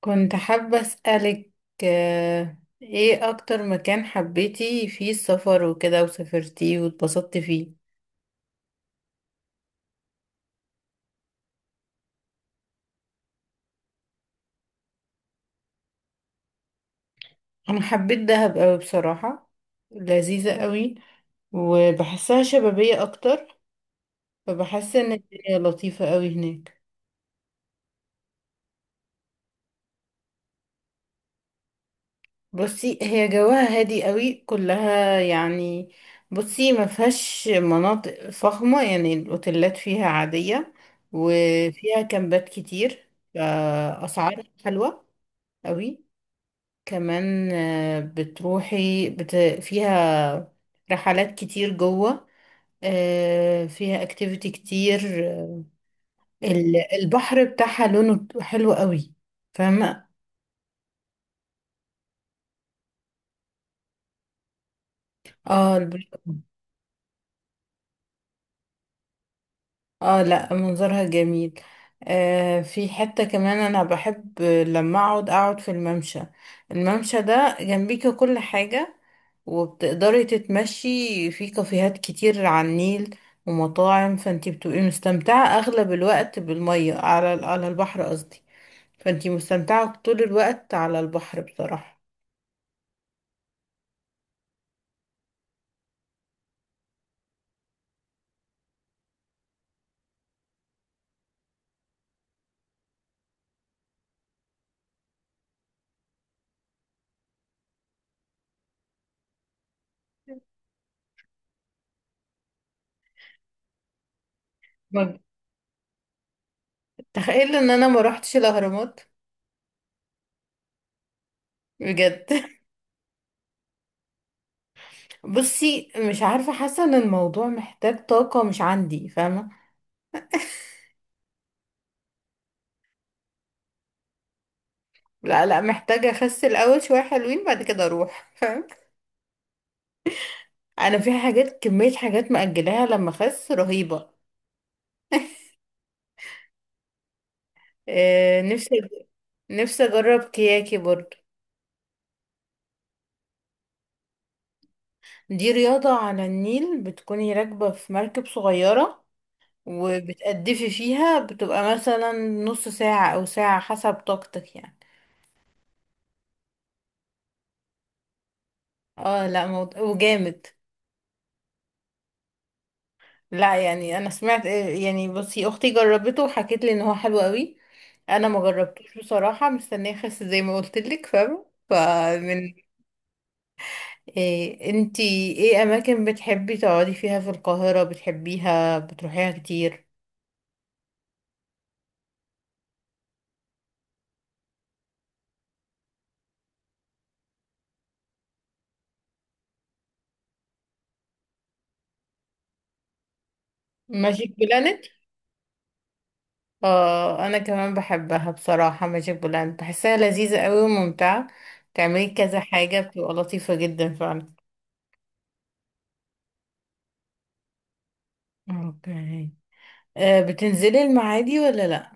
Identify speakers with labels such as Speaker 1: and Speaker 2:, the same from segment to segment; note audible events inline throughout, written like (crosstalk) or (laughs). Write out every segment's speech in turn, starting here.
Speaker 1: كنت حابة أسألك، ايه اكتر مكان حبيتي فيه السفر وكده وسافرتيه واتبسطتي فيه؟ انا حبيت دهب قوي بصراحة. لذيذة قوي، وبحسها شبابية اكتر. فبحس ان الدنيا لطيفة قوي هناك. بصي، هي جواها هادي قوي كلها يعني. بصي، ما فيهاش مناطق فخمة، يعني الاوتيلات فيها عادية، وفيها كامبات كتير. فأسعارها حلوة قوي. كمان بتروحي فيها رحلات كتير جوه. فيها اكتيفيتي كتير. البحر بتاعها لونه حلو قوي، فاهمة؟ اه، البحر. اه، لا، منظرها جميل. آه، في حتة كمان انا بحب لما اقعد في الممشى. الممشى ده جنبيك كل حاجة، وبتقدري تتمشي. في كافيهات كتير على النيل ومطاعم، فانتي بتبقي مستمتعة اغلب الوقت بالمية، على البحر قصدي. فانتي مستمتعة طول الوقت على البحر بصراحة. ما- تخيل ان انا ما روحتش الاهرامات. بجد (laughs) بصي، مش عارفة، حاسة ان الموضوع محتاج طاقة مش عندي، فاهمة؟ لا لا، محتاجة أخس الأول شوية حلوين بعد كده أروح، فاهم؟ أنا في حاجات، كمية حاجات مأجلاها لما أخس، رهيبة. آه، نفسي نفسي أجرب كياكي برضه. دي رياضة على النيل، بتكوني راكبة في مركب صغيرة وبتقدفي فيها، بتبقى مثلا نص ساعة أو ساعة حسب طاقتك يعني. اه لا، موضوع وجامد. لا يعني، انا سمعت، يعني بصي اختي جربته وحكت لي ان هو حلو قوي. انا ما جربتوش بصراحه، مستنيه اخس زي ما قلت لك، فاهمه؟ فمن، إيه انتي، ايه اماكن بتحبي تقعدي فيها في القاهره بتحبيها بتروحيها كتير؟ ماجيك بلانت؟ اه، انا كمان بحبها بصراحه. ماجيك بلانت بحسها لذيذه قوي وممتعه، تعملي كذا حاجه، بتبقى لطيفه جدا فعلا. اوكي. آه، بتنزلي المعادي ولا لا؟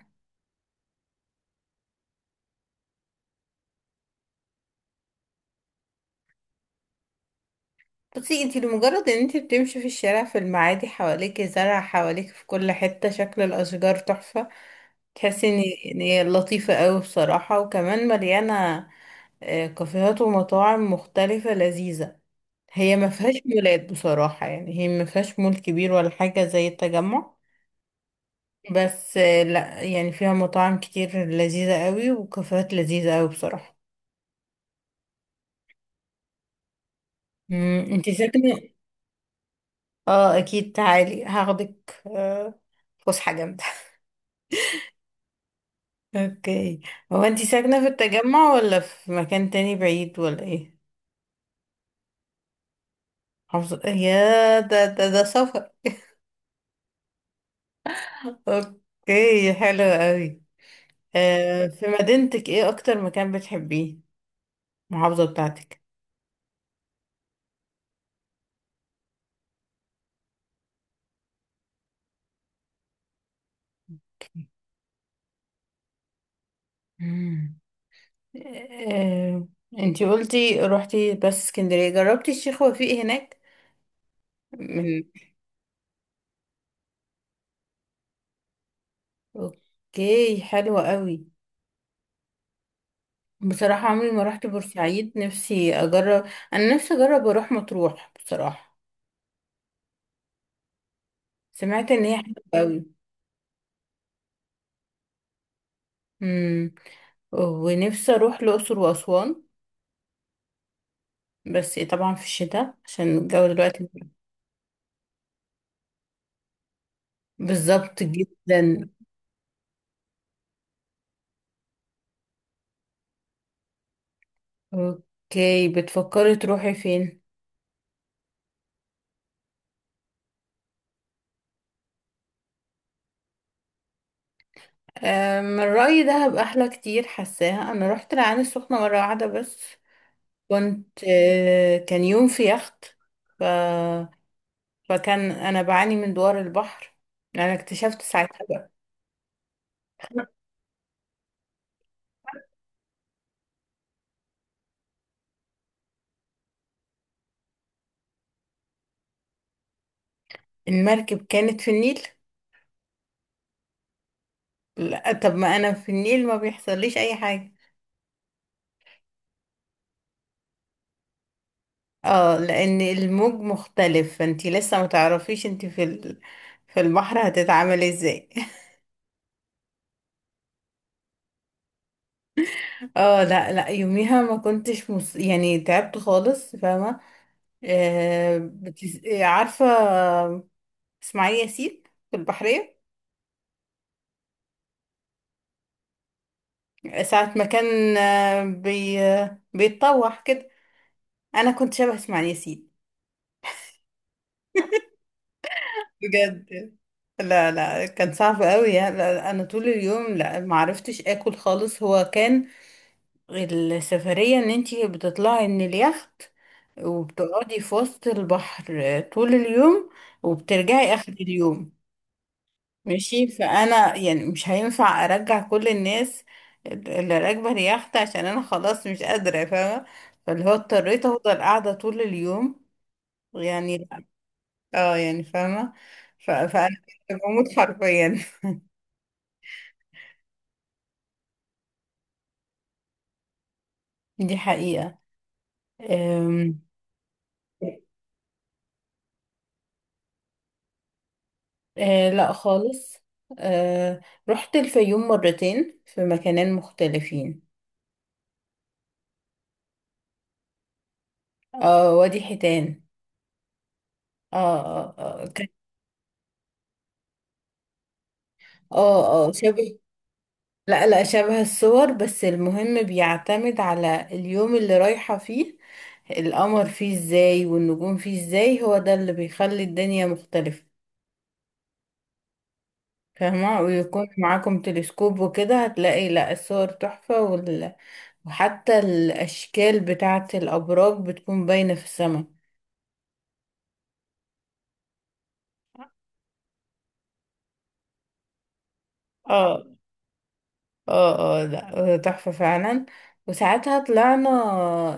Speaker 1: بصي، انتي لمجرد ان انتي بتمشي في الشارع في المعادي، حواليك زرع، حواليك في كل حتة شكل الاشجار تحفة. تحسي ان، ان هي لطيفة قوي بصراحة. وكمان مليانة كافيهات ومطاعم مختلفة لذيذة. هي ما فيهاش مولات بصراحة، يعني هي ما فيهاش مول كبير ولا حاجة زي التجمع. بس لا يعني، فيها مطاعم كتير لذيذة قوي وكافيهات لذيذة قوي بصراحة. مم، انتي ساكنة. اه اكيد، تعالي هاخدك، فسحة جامدة. اوكي. هو انتي ساكنة في التجمع ولا في مكان تاني بعيد ولا ايه؟ محافظة؟ يا ده سفر. اوكي حلو قوي. آه، في مدينتك ايه اكتر مكان بتحبيه؟ المحافظة بتاعتك. مم. آه، انتي قلتي روحتي بس اسكندرية، جربتي الشيخ وفيق هناك؟ من، اوكي حلو قوي. بصراحة عمري ما رحت بورسعيد، نفسي اجرب. انا نفسي اجرب اروح مطروح بصراحة. سمعت ان هي حلوة قوي. امم. ونفسي اروح الاقصر واسوان، بس طبعا في الشتاء عشان الجو دلوقتي. بالظبط جدا. اوكي، بتفكري تروحي فين؟ من رأيي دهب احلى كتير، حاساها. انا رحت العين السخنة مرة واحدة بس، كنت كان يوم في يخت. ف... فكان انا بعاني من دوار البحر، انا اكتشفت ساعتها بقى. المركب كانت في النيل. لا طب، ما انا في النيل ما بيحصليش اي حاجة. اه، لان الموج مختلف، فانتي لسه متعرفيش انتي في البحر هتتعاملي ازاي. (laughs) اه لا لا، يوميها ما كنتش يعني تعبت خالص، فاهمة؟ آه بتس... آه، عارفة اسماعيل ياسين في البحرية؟ ساعة ما كان آه، بي... آه، بيتطوح كده، انا كنت شبه اسماعيل ياسين. بجد. لا لا، كان صعب قوي يعني. لا، لا، انا طول اليوم، لا ما عرفتش اكل خالص. هو كان السفرية ان انتي بتطلعي من اليخت وبتقعدي في وسط البحر طول اليوم، وبترجعي اخر اليوم. ماشي، فانا يعني مش هينفع ارجع كل الناس اللي راكبة اليخت عشان انا خلاص مش قادرة، فاهمة؟ فاللي هو اضطريت افضل قاعدة طول اليوم، يعني لا. اه يعني، فاهمة. فانا كنت بموت حرفيا. (laughs) دي حقيقة. أم، آه لا خالص. آه، رحت الفيوم مرتين في مكانين مختلفين. اه، وادي حيتان. اه اه. اه، شبه. لا لا، شبه الصور. بس المهم بيعتمد على اليوم اللي رايحة فيه، القمر فيه ازاي والنجوم فيه ازاي، هو ده اللي بيخلي الدنيا مختلفة، فاهمة؟ ويكون معاكم تلسكوب وكده، هتلاقي لا الصور تحفة وحتى الأشكال بتاعة الأبراج بتكون باينة في السماء. اه اه. اه لا، تحفة فعلا. وساعتها طلعنا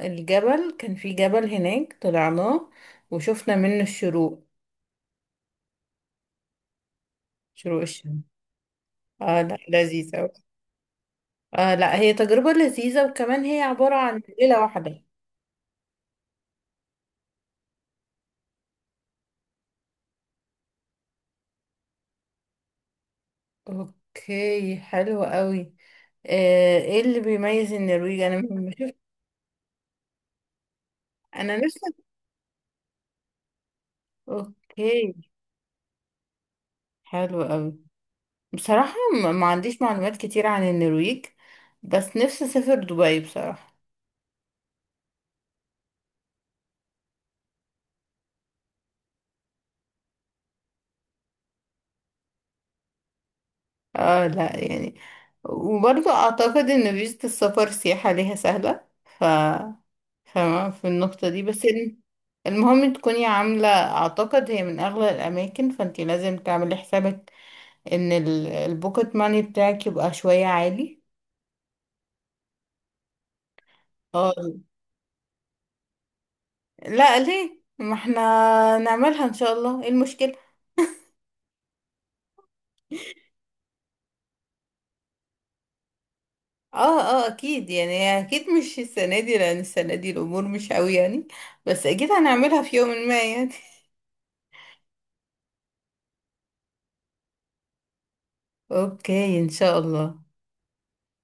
Speaker 1: الجبل، كان في جبل هناك طلعناه، وشفنا منه الشروق، شروق الشمس. اه لا، لذيذ اوي. اه لا، هي تجربة لذيذة، وكمان هي عبارة عن ليلة واحدة. اوكي حلو قوي. ايه اللي بيميز النرويج؟ انا ما شفت. انا نفسي. اوكي حلو قوي بصراحة. ما عنديش معلومات كتير عن النرويج، بس نفسي اسافر دبي بصراحة. اه لا يعني، وبرضه اعتقد ان فيزة السفر سياحة ليها سهلة، ف فاهمة في النقطة دي. بس المهم تكوني عاملة، اعتقد هي من اغلى الاماكن، فانتي لازم تعملي حسابك ان البوكت ماني بتاعك يبقى شوية عالي. اه لا ليه، ما احنا نعملها ان شاء الله، ايه المشكلة؟ اه اه اكيد يعني، اكيد مش السنة دي، لان السنة دي الامور مش قوي يعني، بس اكيد هنعملها في يوم ما يعني. اوكي ان شاء الله.